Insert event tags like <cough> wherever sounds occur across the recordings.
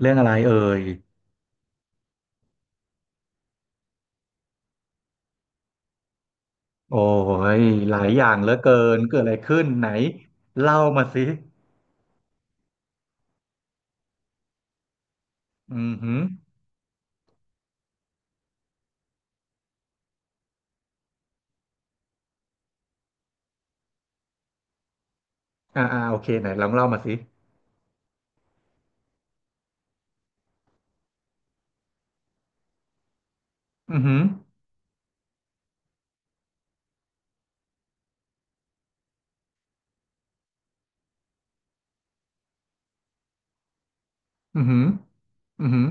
เรื่องอะไรเอ่ยโอ้ยหลายอย่างเหลือเกิน เกิดอะไรขึ้นไหนเล่ามาสิอือหือโอเคไหนลองเล่ามาสิอือหืออือหืออือหือ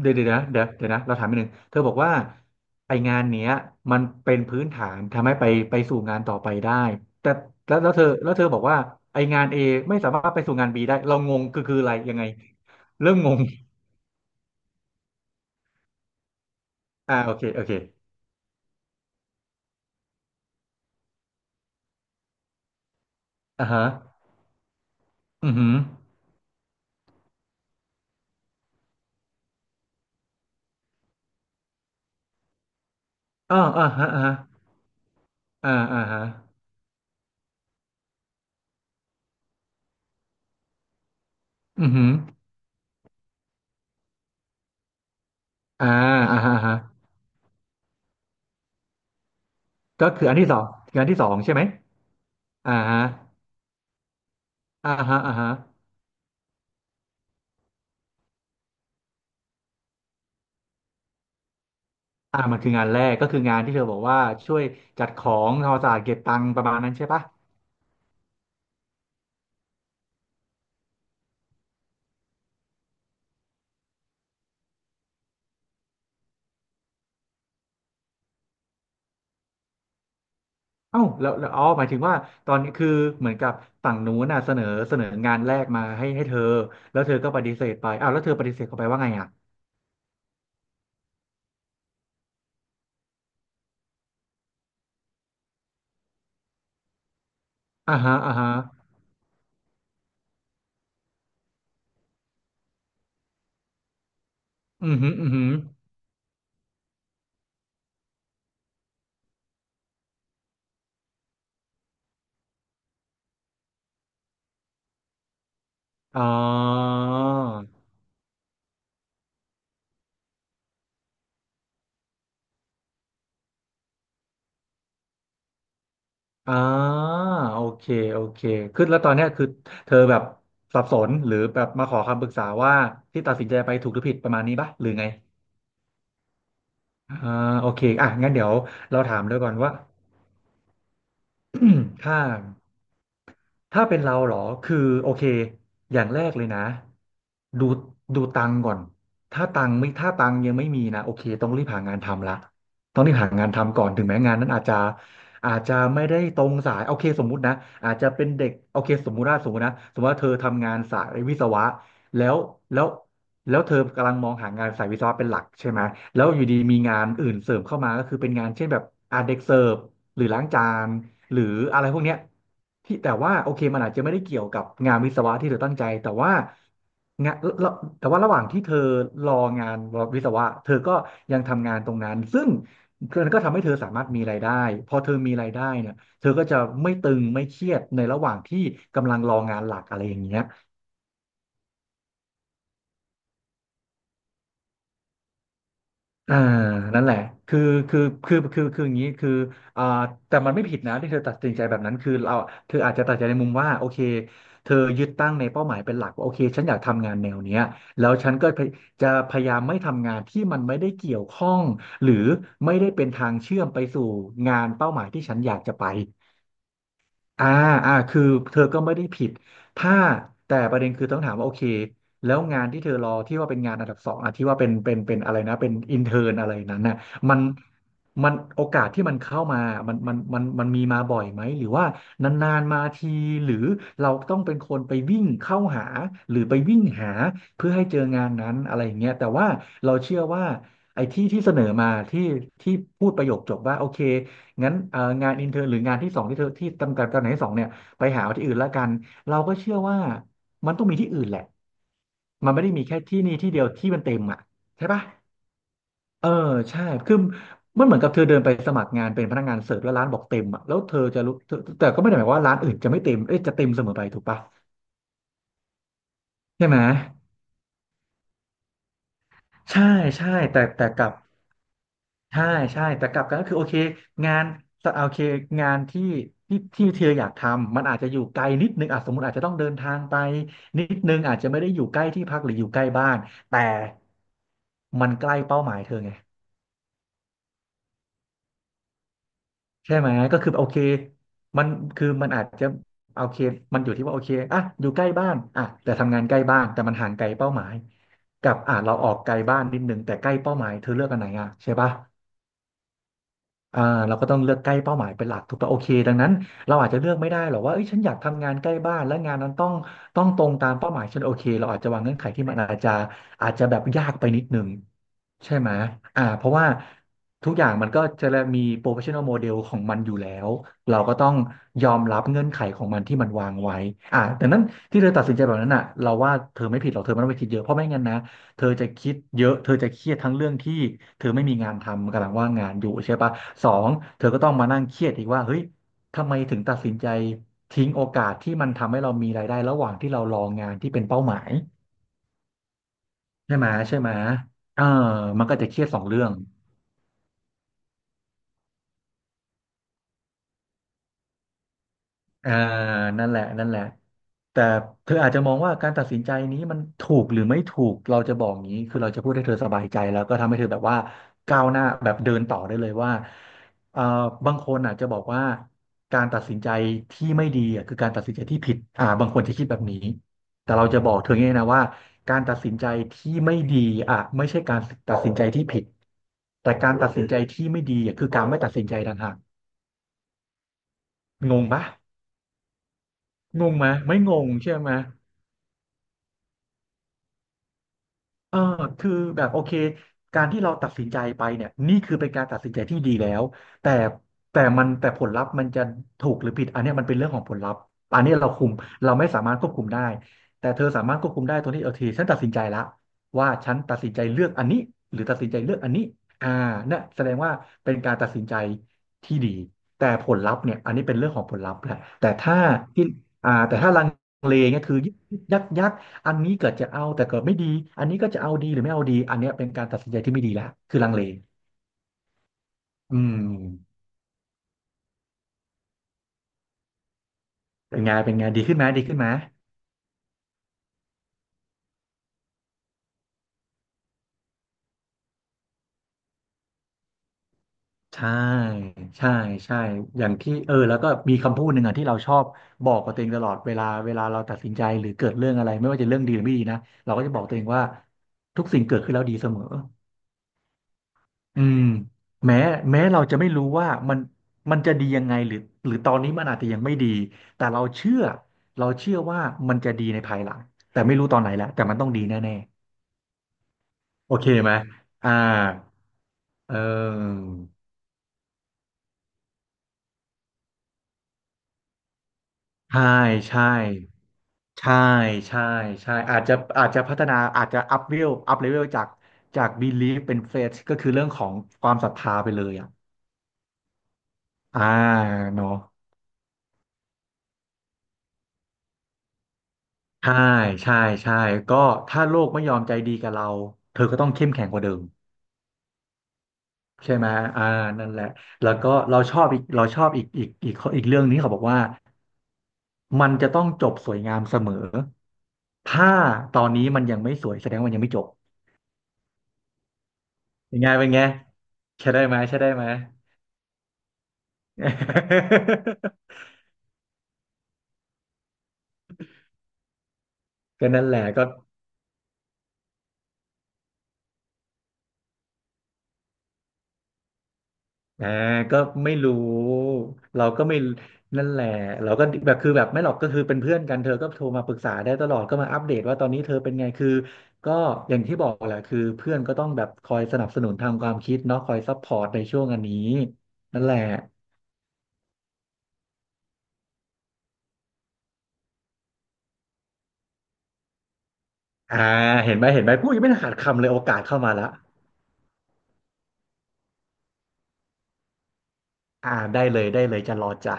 เดี๋ยวเดี๋ยวนะเดี๋ยวเดี๋ยวนะเราถามนิดนึงเธอบอกว่าไองานเนี้ยมันเป็นพื้นฐานทำให้ไปสู่งานต่อไปได้แต่แล้วเธอบอกว่าไองาน A ไม่สามารถไปสู่งาน B ได้เรางงคืออะไรยังไงเริ่มงงโอเคโอเคอ่าฮะอือหืออ่าอ่าฮะอ่าฮะอ่าอ่าฮะ อือหืออ่าอ่าฮะอ่าฮะก็คืออันที่สองงานที่สองใช่ไหมอ่าฮะอ่าฮะอ่าฮะอ่ามันคืองานแรกก็คืองานที่เธอบอกว่าช่วยจัดของทำความสะอาดเก็บตังค์ประมาณนั้นใช่ปะเอ้าแล้วอ๋อหมายถึงว่าตอนนี้คือเหมือนกับฝั่งนู้นน่ะเสนองานแรกมาให้เธอ แล้วเธอก็ปฏิเสธไปอ้าวแล้วเธอปฏิเสธเขาไปว่าไงอ่ะอ่าฮะอ่าฮะอือหืออือหืออ๋อ อ่าโอเคโอเคคือแล้วตอนเนี้ยคือเธอแบบสับสนหรือแบบมาขอคำปรึกษาว่าที่ตัดสินใจไปถูกหรือผิดประมาณนี้ปะหรือไงอ่าโอเคอ่ะงั้นเดี๋ยวเราถามด้วยก่อนว่า <clears throat> ถ้า ถ้าเป็นเราเหรอคือโอเคอย่างแรกเลยนะ ดูดูตังค์ก่อน ถ้าตังค์ยังไม่มีนะโอเคต้องรีบหางานทำละต้องรีบหางานทำก่อน ถึงแม้งานนั้นอาจจะไม่ได้ตรงสายโอเคสมมุตินะอาจจะเป็นเด็กโอเคสมมุติว่าสมมุติว่าเธอทำงานสายวิศวะ แล้วแล้วแล้วเธอกำลังมองหางานสายวิศวะเป็นหลักใช่ไหมแล้วอยู่ดีมีงานอื่นเสริมเข้ามาก็คือเป็นงานเช่นแบบเด็กเสิร์ฟหรือล้างจานหรืออะไรพวกเนี้ยที่แต่ว่าโอเคมันอาจจะไม่ได้เกี่ยวกับงานวิศวะที่เธอตั้งใจแต่ว่างานแล้วแต่ว่าระหว่างที่เธอรองานวิศวะเธอก็ยังทำงานตรงนั้นซึ่งมันก็ทำให้เธอสามารถมีรายได้พอเธอมีรายได้เนี่ยเธอก็จะไม่ตึงไม่เครียดในระหว่างที่กำลังรองานหลักอะไรอย่างเงี้ย อ่านั่นแหละคือคืออย่างนี้คืออ่าแต่มันไม่ผิดนะที่เธอตัดสินใจแบบนั้นคือเราเธออาจจะตัดใจในมุมว่าโอเคเธอยึดตั้งในเป้าหมายเป็นหลักว่าโอเคฉันอยากทำงานแนวเนี้ยแล้วฉันก็พยจะพยายามไม่ทำงานที่มันไม่ได้เกี่ยวข้องหรือไม่ได้เป็นทางเชื่อมไปสู่งานเป้าหมายที่ฉันอยากจะไป อ่าคือเธอก็ไม่ได้ผิดถ้าแต่ประเด็นคือต้องถามว่าโอเคแล้วงานที่เธอรอที่ว่าเป็นงานอันดับสองอ่ะที่ว่าเป็นอะไรนะเป็นอินเทอร์นอะไรนั้นน่ะมันมันโอกาสที่มันเข้ามามันมีมาบ่อยไหมหรือว่านานๆมาทีหรือเราต้องเป็นคนไปวิ่งเข้าหาหรือไปวิ่งหาเพื่อให้เจองานนั้นอะไรอย่างเงี้ยแต่ว่าเราเชื่อว่าไอ้ที่เสนอมาที่ที่พูดประโยคจบว่าโอเค งั้นเอ่องานอินเทอร์หรืองานที่สองที่เธอที่ตำกับตำแหน่งที่สองเนี่ยไปหาเอาที่อื่นละกันเราก็เชื่อว่ามันต้องมีที่อื่นแหละมันไม่ได้มีแค่ที่นี่ที่เดียวที่มันเต็มอ่ะใช่ปะเออใช่คือมันเหมือนกับเธอเดินไปสมัครงานเป็นพนักงานเสิร์ฟแล้วร้านบอกเต็มอ่ะแล้วเธอจะรู้เธอแต่ก็ไม่ได้หมายความว่าร้านอื่นจะไม่เต็มเอ้ยจะเต็มเสมอไปถูกปะใช่ไหมใช่ใช่แต่แต่กลับ ใช่ใช่แต่กลับกันก็คือโอเคงานโอเคงานที่เธออยากทำมันอาจจะอยู่ไกลนิดนึงอ่ะสมมติอาจจะต้องเดินทางไปนิดนึงอาจจะไม่ได้อยู่ใกล้ที่พักหรืออยู่ใกล้บ้านแต่มันใกล้เป้าหมายเธอไงใช่ไหมก็คือโอเคมันคือมันอาจจะโอเคมันอยู่ที่ว่าโอเคอ่ะอยู่ใกล้บ้านอ่ะแต่ทำงานใกล้บ้านแต่มันห่างไกลเป้าหมายกับอ่ะเราออกไกลบ้านนิดนึงแต่ใกล้เป้าหมายเธอเลือกอันไหนอ่ะใช่ปะ อ่าเราก็ต้องเลือกใกล้เป้าหมายเป็นหลักถูกป่ะโอเคดังนั้นเราอาจจะเลือกไม่ได้หรอกว่าเอ้ยฉันอยากทำงานใกล้บ้านและงานนั้นต้องตรงตามเป้าหมายฉันโอเคเราอาจจะวางเงื่อนไขที่มันอาจจะแบบยากไปนิดนึงใช่ไหมเพราะว่าทุกอย่างมันก็จะมี professional model ของมันอยู่แล้วเราก็ต้องยอมรับเงื่อนไขของมันที่มันวางไว้ดังนั้นที่เธอตัดสินใจแบบนั้นอ่ะเราว่าเธอไม่ผิดหรอกเธอไม่ต้องไปคิดเยอะเพราะไม่งั้นนะ เธอจะคิดเยอะเธอจะเครียดทั้งเรื่องที่เธอไม่มีงานทำกำลังว่างงานอยู่ใช่ปะสองเธอก็ต้องมานั่งเครียดอีกว่าเฮ้ยทำไมถึงตัดสินใจทิ้งโอกาสที่มันทำให้เรามีรายได้ระหว่างที่เรารองานที่เป็นเป้าหมายใช่ไหมใช่ไหมเออมันก็จะเครียดสองเรื่อง อ่านั่นแหละนั่นแหละแต่เธออาจจะมองว่าการตัดสินใจนี้มันถูกหรือไม่ถูกเราจะบอกงี้คือเราจะพูดให้เธอสบายใจแล้วก็ทำให้เธอแบบว่าก้าวหน้าแบบเดินต่อได้เลยว่าเอ่อบางคนอาจจะบอกว่าการตัดสินใจที่ไม่ดีอ่ะคือการตัดสินใจที่ผิดบางคนจะคิดแบบนี้แต่เราจะบอกเธอไงนะว่าการตัดสินใจที่ไม่ดีอ่ะไม่ใช่การตัดสินใจที่ผิดแต่การตัดสินใจที่ไม่ดีอ่ะคือการไม่ตัดสินใจต่างหากงงปะงงไหมไม่งงใช่ไหม เออคือแบบโอเคการที่เราตัดสินใจไปเนี่ยนี่คือเป็นการตัดสินใจที่ดีแล้วแต่แต่มันแต่ผลลัพธ์มันจะถูกหรือผิดอันเนี้ยมันเป็นเรื่องของผลลัพธ์อันเนี้ยเราคุมเราไม่สามารถควบคุมได้แต่เธอสามารถควบคุมได้ตรงที่โอเคฉันตัดสินใจละว่าฉันตัดสินใจเลือกอันนี้หรือตัดสินใจเลือกอันนี้อ่าเนี่ยแสดงว่าเป็นการตัดสินใจที่ดีแต่ผลลัพธ์เนี่ยอันนี้เป็นเรื่องของผลลัพธ์แหละแต่ถ้าที่แต่ถ้าลังเลเนี่ยคือยึกยัก อันนี้เกิดจะเอาแต่เกิดไม่ดีอันนี้ก็จะเอาดีหรือไม่เอาดีอันเนี้ยเป็นการตัดสินใจที่ไม่ดีละคือลังเลอืมเป็นไงเป็นไงดีขึ้นไหมดีขึ้นไหมใช่ใช่ใช่อย่างที่เออแล้วก็มีคำพูดหนึ่งอ่ะที่เราชอบบอกกับตัวเองตลอดเวลาเวลาเราตัดสินใจหรือเกิดเรื่องอะไรไม่ว่าจะเรื่องดีหรือไม่ดีนะเราก็จะบอกตัวเองว่าทุกสิ่งเกิดขึ้นแล้วดีเสมอ อืมแม้แม้เราจะไม่รู้ว่ามันจะดียังไงหรือหรือตอนนี้มันอาจจะยังไม่ดีแต่เราเชื่อว่ามันจะดีในภายหลังแต่ไม่รู้ตอนไหนแล้วแต่มันต้องดีแน่ๆโอเคไหมอ่าเออใช่ใช่ใช่ใช่ใช่อาจจะอาจจะพัฒนาอาจจะอัพเลเวลจาก belief เป็น faith ก็คือเรื่องของความศรัทธาไปเลยอ่ะอ่าเนาะ ใช่ใช่ใช่ก็ถ้าโลกไม่ยอมใจดีกับเราเธอก็ต้องเข้มแข็งกว่าเดิมใช่ไหมอ่านั่นแหละแล้วก็เราชอบอีกเราชอบอีกอีกอีกข้ออีกเรื่องนี้เขาบอกว่ามันจะต้องจบสวยงามเสมอถ้าตอนนี้มันยังไม่สวยแสดงว่ามันยังไม่จบยังไงเป็นไงใช่ได้ไหมใช่ได้ไหม <laughs> ก็นั่นแหละก็ อ่าก็ไม่รู้เราก็ไม่นั่นแหละเราก็แบบคือแบบไม่หรอกก็คือเป็นเพื่อนกันเธอก็โทรมาปรึกษาได้ตลอด ก็มาอัปเดตว่าตอนนี้เธอเป็นไงคือก็อย่างที่บอกแหละคือเพื่อนก็ต้องแบบคอยสนับสนุนทางความคิดเนาะคอยซัพพอร์ตในช่วงอันนี้นั่นแหละอ่าเห็นไหมเห็นไหมพูดยังไม่ขาดคำเลยโอกาสเข้ามาละได้เลยได้เลยจะรอจ้ะ